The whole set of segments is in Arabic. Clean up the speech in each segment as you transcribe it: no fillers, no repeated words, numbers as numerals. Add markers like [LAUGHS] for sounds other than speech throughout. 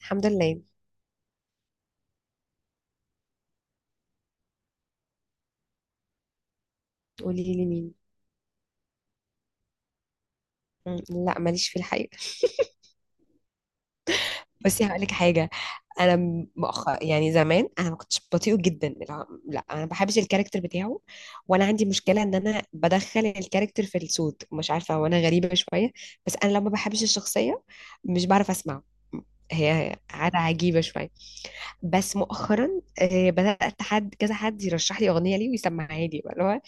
الحمد لله. قولي لي مين؟ لا ماليش في الحقيقة. بس هقول لك حاجة. أنا مؤخر يعني زمان أنا ما كنتش بطيئة جدا، لا لا، أنا ما بحبش الكاركتر بتاعه. وأنا عندي مشكلة إن أنا بدخل الكاركتر في الصوت، مش عارفة، وأنا غريبة شوية. بس أنا لو ما بحبش الشخصية مش بعرف أسمعه. هي عادة عجيبة شوية. بس مؤخرا بدأت حد كذا حد يرشح لي أغنية ليه ويسمعها لي، اللي هو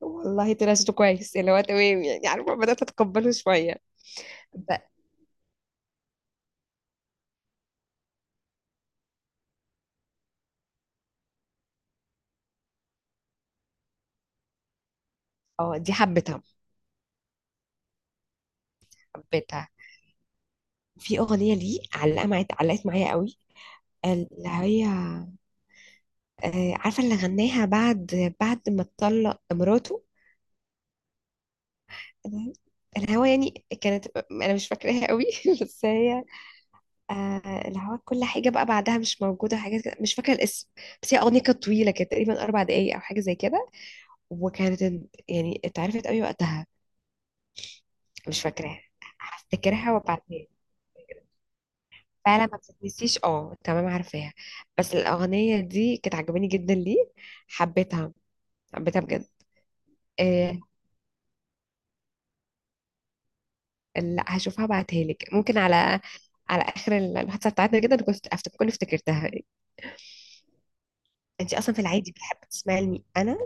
والله طلع صوته كويس، اللي هو تمام، يعني عارفة بدأت أتقبله شوية. اه دي حبيتها، حبيتها. في اغنيه ليه علقه معايا، علقت معايا قوي، اللي هي عارفه اللي غناها بعد ما اتطلق مراته، الهوا، يعني كانت انا مش فاكراها قوي [LAUGHS] بس هي الهوا، كل حاجه بقى بعدها مش موجوده، حاجات كده مش فاكره الاسم. بس هي اغنيه كانت طويله، كانت تقريبا 4 دقايق او حاجه زي كده، وكانت يعني اتعرفت قوي وقتها. مش فاكراها، هفتكرها وابعتها. فعلا ما بتتنسيش، اه تمام عارفاها. بس الاغنيه دي كانت عجباني جدا ليه، حبيتها، حبيتها بجد. إيه، لا هشوفها بعتها لك، ممكن على على اخر الحادثه بتاعتنا كده، كنت كنت افتكرتها. انت اصلا في العادي بتحب تسمعي لمين، انا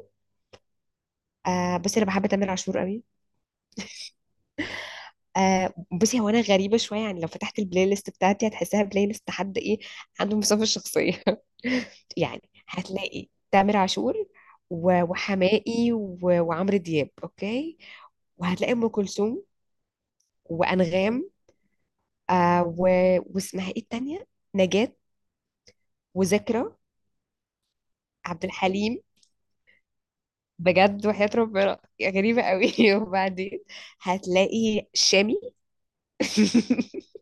بس انا بحب تامر عاشور قوي. بصي، هو انا غريبه شويه، يعني لو فتحت البلاي ليست بتاعتي هتحسها بلاي ليست حد ايه عنده مسافه شخصيه [LAUGHS] يعني هتلاقي تامر عاشور وحماقي وعمرو دياب، اوكي، وهتلاقي ام كلثوم وانغام، آه و... واسمها ايه التانية، نجاة، وذكرى، عبد الحليم، بجد وحياة ربنا غريبة قوي [LAUGHS] وبعدين هتلاقي شامي [LAUGHS]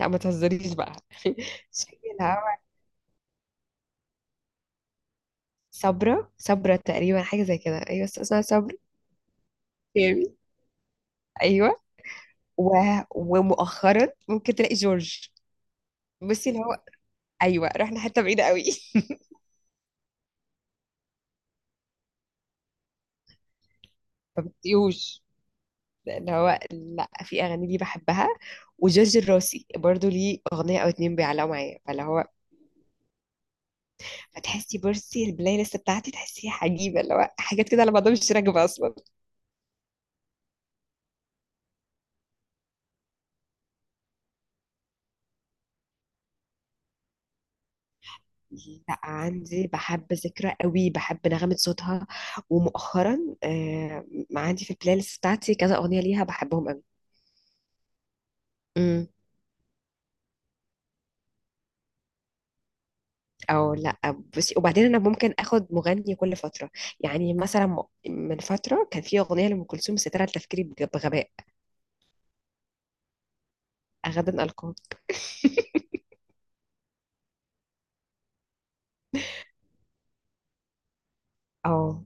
لا ما تهزريش بقى [LAUGHS] شكلها صبرا صبرا تقريبا، حاجة زي كده، أيوة بس اسمها صبرا. جامد. أيوة. و... ومؤخرا ممكن تلاقي جورج. بصي اللي هو أيوة، رحنا حتة بعيدة قوي [LAUGHS] ما بتطيقوش. اللي هو لا، في أغاني ليه بحبها. وجورج الراسي برضو ليه أغنية أو 2 بيعلقوا معايا، فاللي هو فتحسي، بصي البلاي ليست بتاعتي تحسيها عجيبة، اللي هو حاجات كده على بعضها مش راكبة أصلا. لا عندي، بحب ذكرى قوي، بحب نغمة صوتها. ومؤخرا آه عندي في البلاي ليست بتاعتي كذا أغنية ليها بحبهم قوي. امم. او لا، بس وبعدين انا ممكن اخد مغني كل فتره، يعني مثلا من فتره كان في اغنيه لام كلثوم سترة تفكيري بغباء. غدا القاك. اه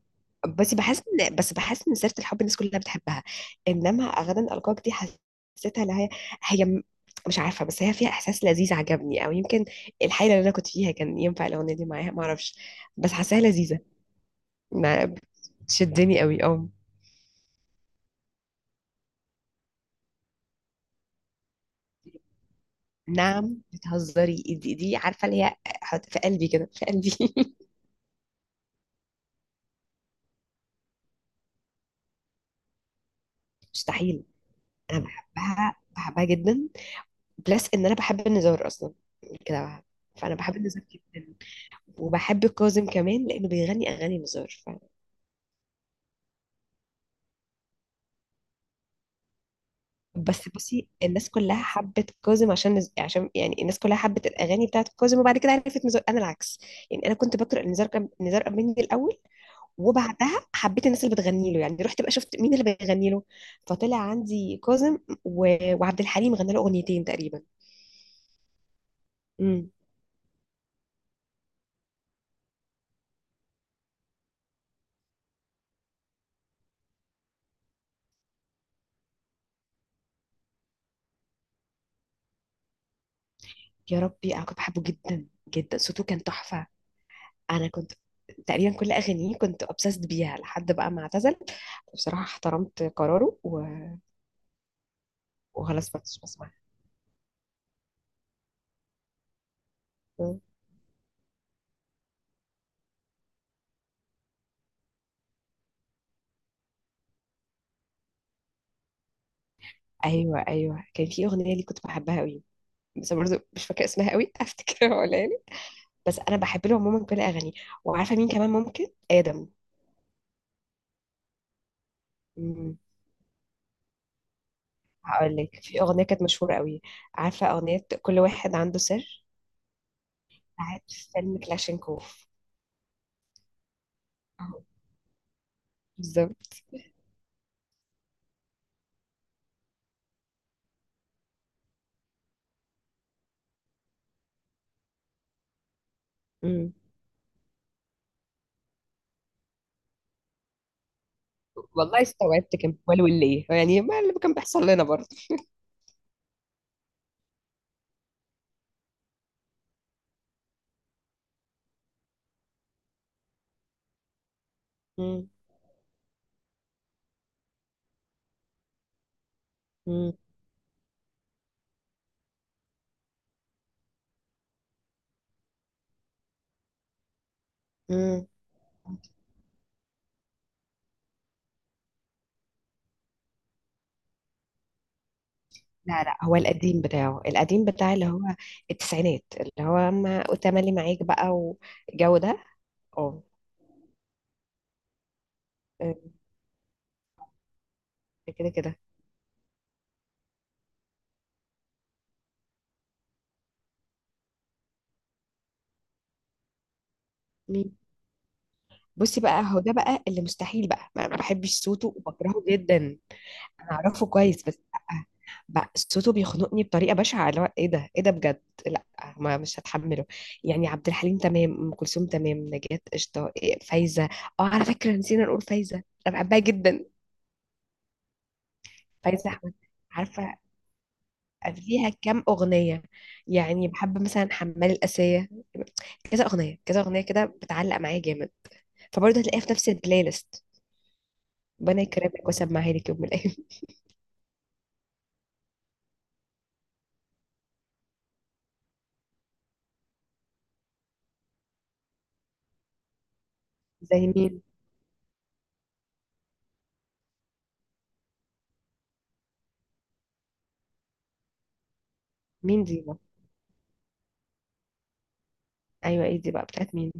بس بحس ان سيره الحب الناس كلها بتحبها، انما غدا القاك دي حسيتها اللي هي هي م- مش عارفه، بس هي فيها احساس لذيذ عجبني، او يمكن الحيله اللي انا كنت فيها كان ينفع الاغنيه دي معاها، ما اعرفش، بس حاساها لذيذه. ما شدني قوي، اه. نعم بتهزري، دي عارفه اللي هي حط في قلبي كده، في قلبي [LAUGHS] مستحيل، انا بحبها، بحبها جدا. بلس ان انا بحب النزار اصلا كده، فانا بحب النزار جدا، وبحب كاظم كمان لانه بيغني اغاني نزار بس بصي الناس كلها حبت كاظم عشان عشان يعني الناس كلها حبت الاغاني بتاعت كاظم، وبعد كده عرفت نزار، انا العكس، يعني انا كنت بقرا نزار نزار قباني الاول، وبعدها حبيت الناس اللي بتغني له، يعني رحت بقى شفت مين اللي بيغني له، فطلع عندي كاظم و... وعبد الحليم غنى له اغنيتين تقريبا. امم. يا ربي انا كنت بحبه جدا جدا، صوته كان تحفه. انا كنت تقريبا كل اغانيه كنت obsessed بيها لحد بقى ما اعتزل. بصراحه احترمت قراره وخلاص ما كنتش بسمعها. مم. ايوه كان في اغنيه لي كنت بحبها قوي، بس برضه مش فاكره اسمها قوي [LAUGHS] هفتكرها ولا لي. بس انا بحب له عموما كل اغانيه. وعارفه مين كمان ممكن، ادم. مم. هقول لك في اغنيه كانت مشهوره قوي، عارفه اغنيه كل واحد عنده سر، بتاعت فيلم كلاشينكوف. أهو، بالظبط. مم. والله استوعبت كان بيقولوا ليه، يعني ما اللي كان بيحصل لنا برضه. مم. مم. مم. لا لا، هو القديم بتاعه، القديم بتاع اللي هو التسعينات، اللي هو ما وتملي معاك بقى، والجو ده. اه. آه، كده كده. مين؟ بصي بقى، هو ده بقى اللي مستحيل بقى ما بحبش صوته وبكرهه جدا. انا اعرفه كويس بس لا. بقى صوته بيخنقني بطريقه بشعه، اللي هو ايه ده ايه ده، بجد لا، ما مش هتحمله. يعني عبد الحليم تمام، ام كلثوم تمام، نجاة قشطه، فايزه. اه على فكره نسينا نقول فايزه، انا بحبها جدا. فايزه احمد، عارفه، فيها كام أغنية، يعني بحب مثلا حمال الآسية، كذا أغنية كذا أغنية كده بتعلق معايا جامد. فبرضه هتلاقيها في نفس البلاي ليست. ربنا يكرمك وسمعها لك يوم من الأيام [LAUGHS] زي مين؟ مين دي بقى؟ أيوة إيه دي بقى بتاعت مين؟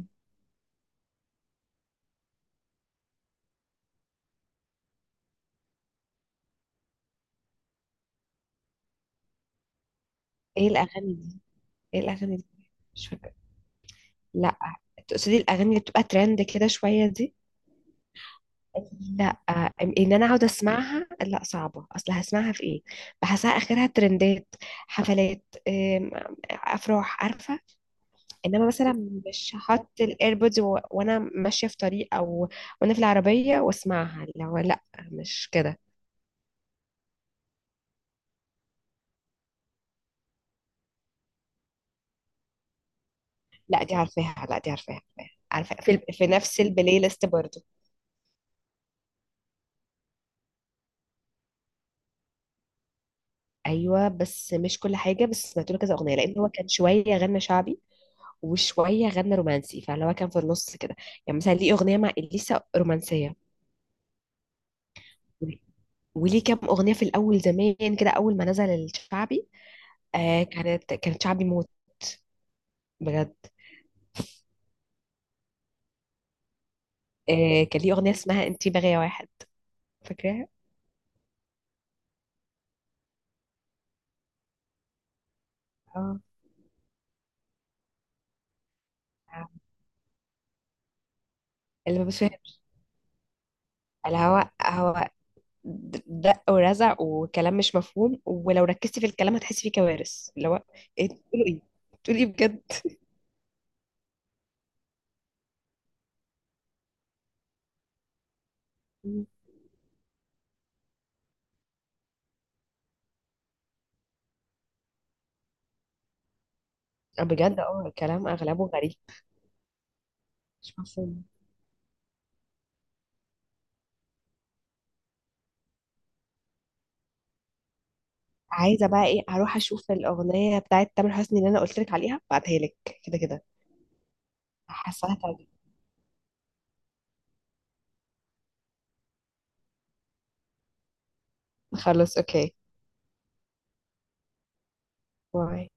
إيه الأغاني دي؟ إيه الأغاني دي؟ مش فاكرة. لا. تقصدي الأغاني اللي بتبقى ترند كده شوية دي؟ لا، ان انا اقعد اسمعها لا صعبه، اصل هسمعها في ايه؟ بحسها اخرها ترندات، حفلات، افراح، عارفه، انما مثلا مش هحط الايربودز وانا ماشيه في طريق، او وانا في العربيه واسمعها، لو لا مش كده. لا دي عارفاها، عارفة في نفس البلاي ليست برضه. ايوه بس مش كل حاجه، بس سمعت له كذا اغنيه لان هو كان شويه غنى شعبي وشويه غنى رومانسي، فاللي هو كان في النص كده، يعني مثلا ليه اغنيه مع اليسا رومانسيه، وليه كام اغنيه في الاول زمان كده اول ما نزل الشعبي. كانت شعبي موت، بجد. كان ليه اغنيه اسمها انتي بغايا واحد، فاكراها، اه. اللي مش فاهم، الهواء هواء، دق ورزع وكلام مش مفهوم، ولو ركزتي في الكلام هتحسي فيه كوارث، اللي هو ايه بتقولوا، ايه بتقولي، ايه بجد. مم. بجد، اه، الكلام اغلبه غريب، مش مفهوم. عايزه بقى ايه، اروح اشوف الاغنيه بتاعت تامر حسني اللي انا قلت لك عليها بعتها لك كده كده. حاساها تعجبك. خلاص، اوكي. باي.